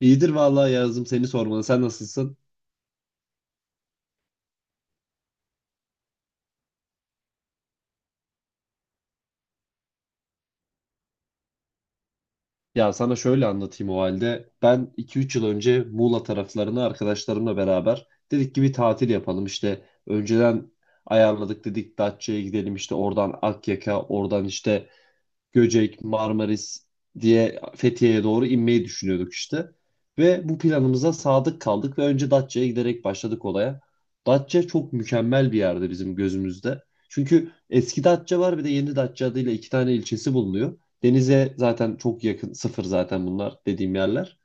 İyidir vallahi yazdım seni sormalı. Sen nasılsın? Ya sana şöyle anlatayım o halde. Ben 2-3 yıl önce Muğla taraflarına arkadaşlarımla beraber dedik ki bir tatil yapalım. İşte önceden ayarladık, dedik Datça'ya gidelim, işte oradan Akyaka, oradan işte Göcek, Marmaris diye Fethiye'ye doğru inmeyi düşünüyorduk işte. Ve bu planımıza sadık kaldık ve önce Datça'ya giderek başladık olaya. Datça çok mükemmel bir yerde bizim gözümüzde. Çünkü eski Datça var, bir de yeni Datça adıyla iki tane ilçesi bulunuyor. Denize zaten çok yakın, sıfır zaten bunlar, dediğim yerler.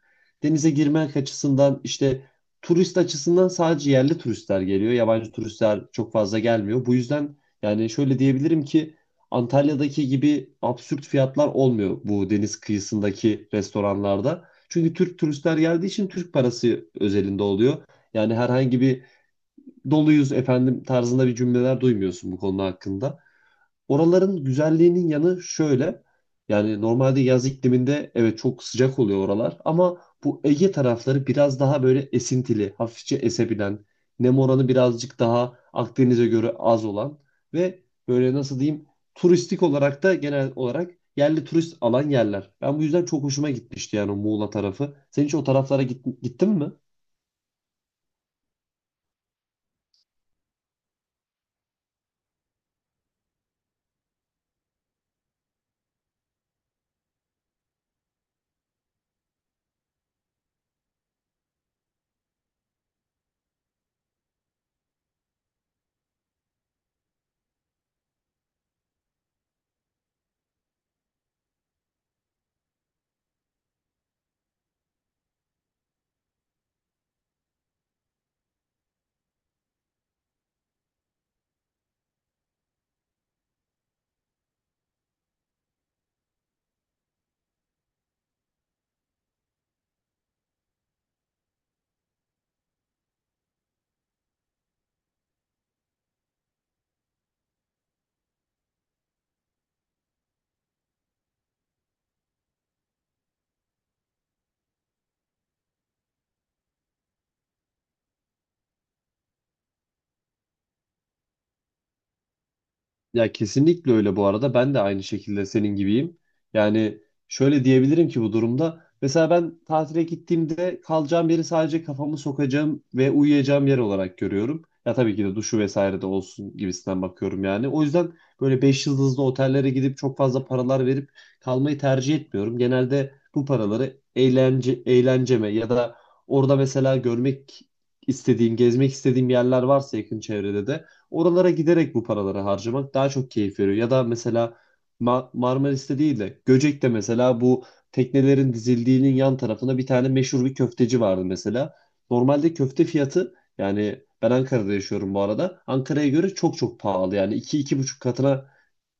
Denize girmek açısından, işte turist açısından, sadece yerli turistler geliyor. Yabancı turistler çok fazla gelmiyor. Bu yüzden yani şöyle diyebilirim ki, Antalya'daki gibi absürt fiyatlar olmuyor bu deniz kıyısındaki restoranlarda. Çünkü Türk turistler geldiği için Türk parası özelinde oluyor. Yani herhangi bir doluyuz efendim tarzında bir cümleler duymuyorsun bu konu hakkında. Oraların güzelliğinin yanı şöyle. Yani normalde yaz ikliminde evet çok sıcak oluyor oralar, ama bu Ege tarafları biraz daha böyle esintili, hafifçe esebilen, nem oranı birazcık daha Akdeniz'e göre az olan ve böyle nasıl diyeyim, turistik olarak da genel olarak yerli turist alan yerler. Ben bu yüzden çok hoşuma gitmişti yani o Muğla tarafı. Sen hiç o taraflara gittin mi? Ya kesinlikle öyle bu arada. Ben de aynı şekilde senin gibiyim. Yani şöyle diyebilirim ki bu durumda. Mesela ben tatile gittiğimde kalacağım yeri sadece kafamı sokacağım ve uyuyacağım yer olarak görüyorum. Ya tabii ki de duşu vesaire de olsun gibisinden bakıyorum yani. O yüzden böyle 5 yıldızlı otellere gidip çok fazla paralar verip kalmayı tercih etmiyorum. Genelde bu paraları eğlence, eğlenceme, ya da orada mesela görmek istediğim, gezmek istediğim yerler varsa yakın çevrede de oralara giderek bu paraları harcamak daha çok keyif veriyor. Ya da mesela Marmaris'te değil de Göcek'te mesela, bu teknelerin dizildiğinin yan tarafında bir tane meşhur bir köfteci vardı mesela. Normalde köfte fiyatı, yani ben Ankara'da yaşıyorum bu arada, Ankara'ya göre çok çok pahalı, yani iki iki buçuk katına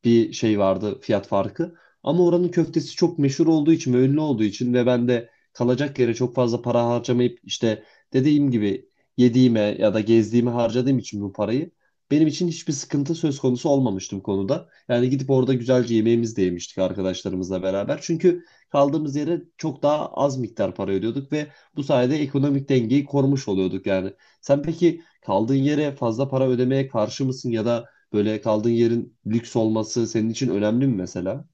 bir şey vardı fiyat farkı. Ama oranın köftesi çok meşhur olduğu için ve ünlü olduğu için, ve ben de kalacak yere çok fazla para harcamayıp, işte dediğim gibi yediğime ya da gezdiğime harcadığım için bu parayı, benim için hiçbir sıkıntı söz konusu olmamıştı bu konuda. Yani gidip orada güzelce yemeğimizi de yemiştik arkadaşlarımızla beraber. Çünkü kaldığımız yere çok daha az miktar para ödüyorduk ve bu sayede ekonomik dengeyi korumuş oluyorduk yani. Sen peki kaldığın yere fazla para ödemeye karşı mısın, ya da böyle kaldığın yerin lüks olması senin için önemli mi mesela?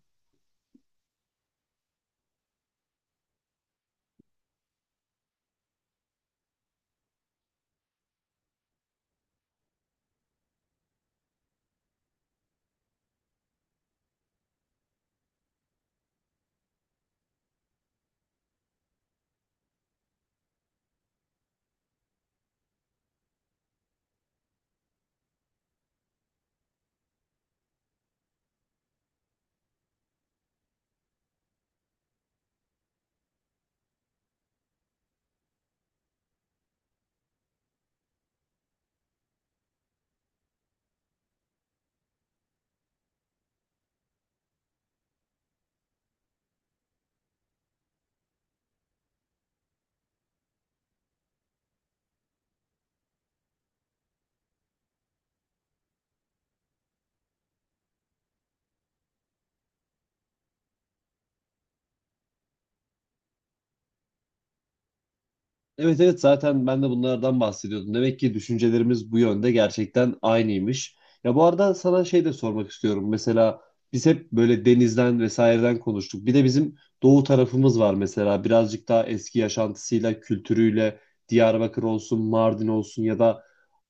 Evet, evet, zaten ben de bunlardan bahsediyordum. Demek ki düşüncelerimiz bu yönde gerçekten aynıymış. Ya bu arada sana şey de sormak istiyorum. Mesela biz hep böyle denizden vesaireden konuştuk. Bir de bizim doğu tarafımız var mesela. Birazcık daha eski yaşantısıyla, kültürüyle Diyarbakır olsun, Mardin olsun, ya da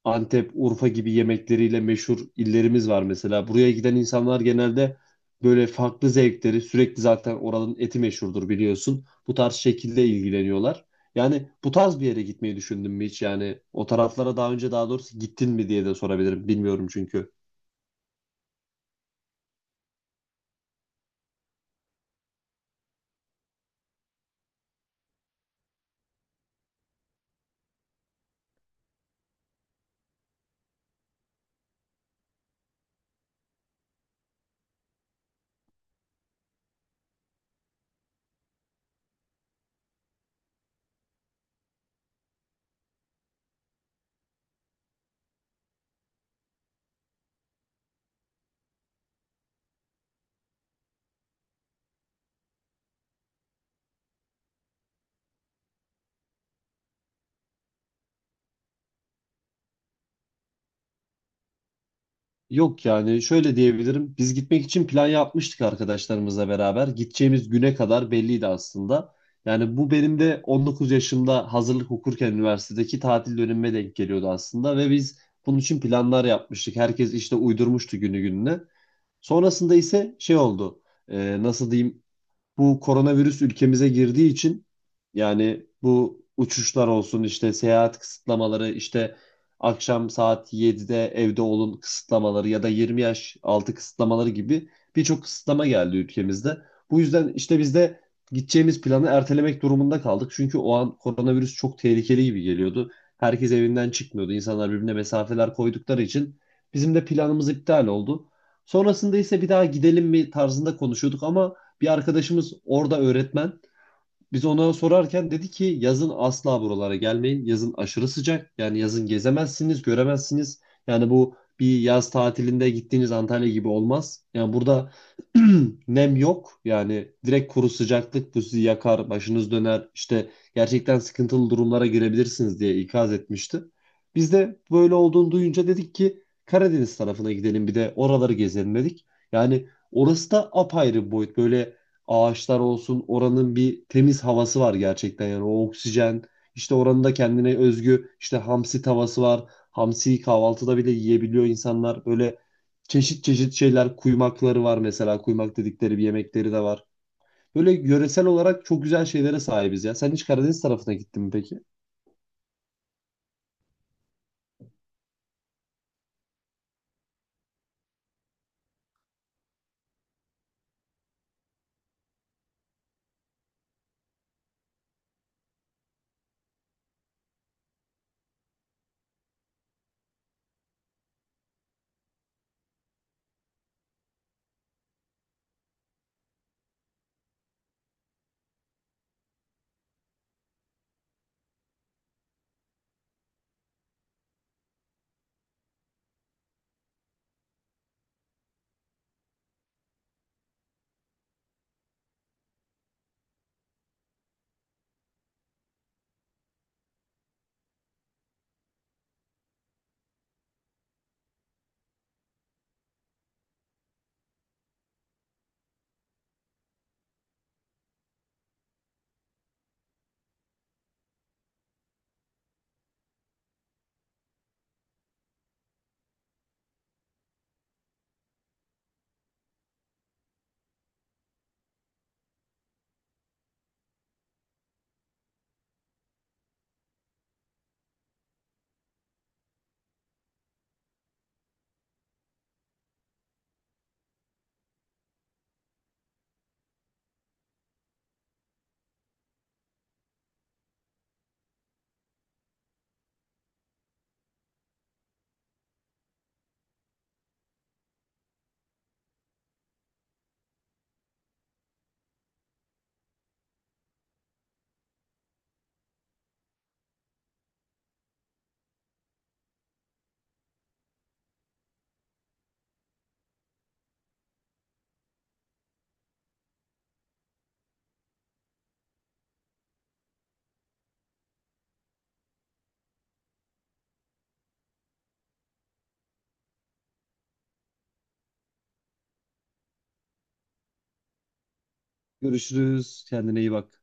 Antep, Urfa gibi yemekleriyle meşhur illerimiz var mesela. Buraya giden insanlar genelde böyle farklı zevkleri, sürekli zaten oranın eti meşhurdur biliyorsun, bu tarz şekilde ilgileniyorlar. Yani bu tarz bir yere gitmeyi düşündün mü hiç? Yani o taraflara daha önce, daha doğrusu, gittin mi diye de sorabilirim. Bilmiyorum çünkü. Yok, yani şöyle diyebilirim. Biz gitmek için plan yapmıştık arkadaşlarımızla beraber. Gideceğimiz güne kadar belliydi aslında. Yani bu benim de 19 yaşımda hazırlık okurken üniversitedeki tatil dönemime denk geliyordu aslında, ve biz bunun için planlar yapmıştık. Herkes işte uydurmuştu günü gününe. Sonrasında ise şey oldu. Nasıl diyeyim? Bu koronavirüs ülkemize girdiği için, yani bu uçuşlar olsun, işte seyahat kısıtlamaları, işte akşam saat 7'de evde olun kısıtlamaları ya da 20 yaş altı kısıtlamaları gibi birçok kısıtlama geldi ülkemizde. Bu yüzden işte biz de gideceğimiz planı ertelemek durumunda kaldık. Çünkü o an koronavirüs çok tehlikeli gibi geliyordu. Herkes evinden çıkmıyordu. İnsanlar birbirine mesafeler koydukları için bizim de planımız iptal oldu. Sonrasında ise bir daha gidelim mi tarzında konuşuyorduk, ama bir arkadaşımız orada öğretmen. Biz ona sorarken dedi ki yazın asla buralara gelmeyin. Yazın aşırı sıcak. Yani yazın gezemezsiniz, göremezsiniz. Yani bu bir yaz tatilinde gittiğiniz Antalya gibi olmaz. Yani burada nem yok. Yani direkt kuru sıcaklık, bu sizi yakar, başınız döner. İşte gerçekten sıkıntılı durumlara girebilirsiniz diye ikaz etmişti. Biz de böyle olduğunu duyunca dedik ki Karadeniz tarafına gidelim, bir de oraları gezelim dedik. Yani orası da apayrı bir boyut. Böyle ağaçlar olsun, oranın bir temiz havası var gerçekten, yani o oksijen, işte oranın da kendine özgü işte hamsi tavası var. Hamsiyi kahvaltıda bile yiyebiliyor insanlar. Böyle çeşit çeşit şeyler, kuymakları var mesela, kuymak dedikleri bir yemekleri de var. Böyle yöresel olarak çok güzel şeylere sahibiz ya. Sen hiç Karadeniz tarafına gittin mi peki? Görüşürüz. Kendine iyi bak.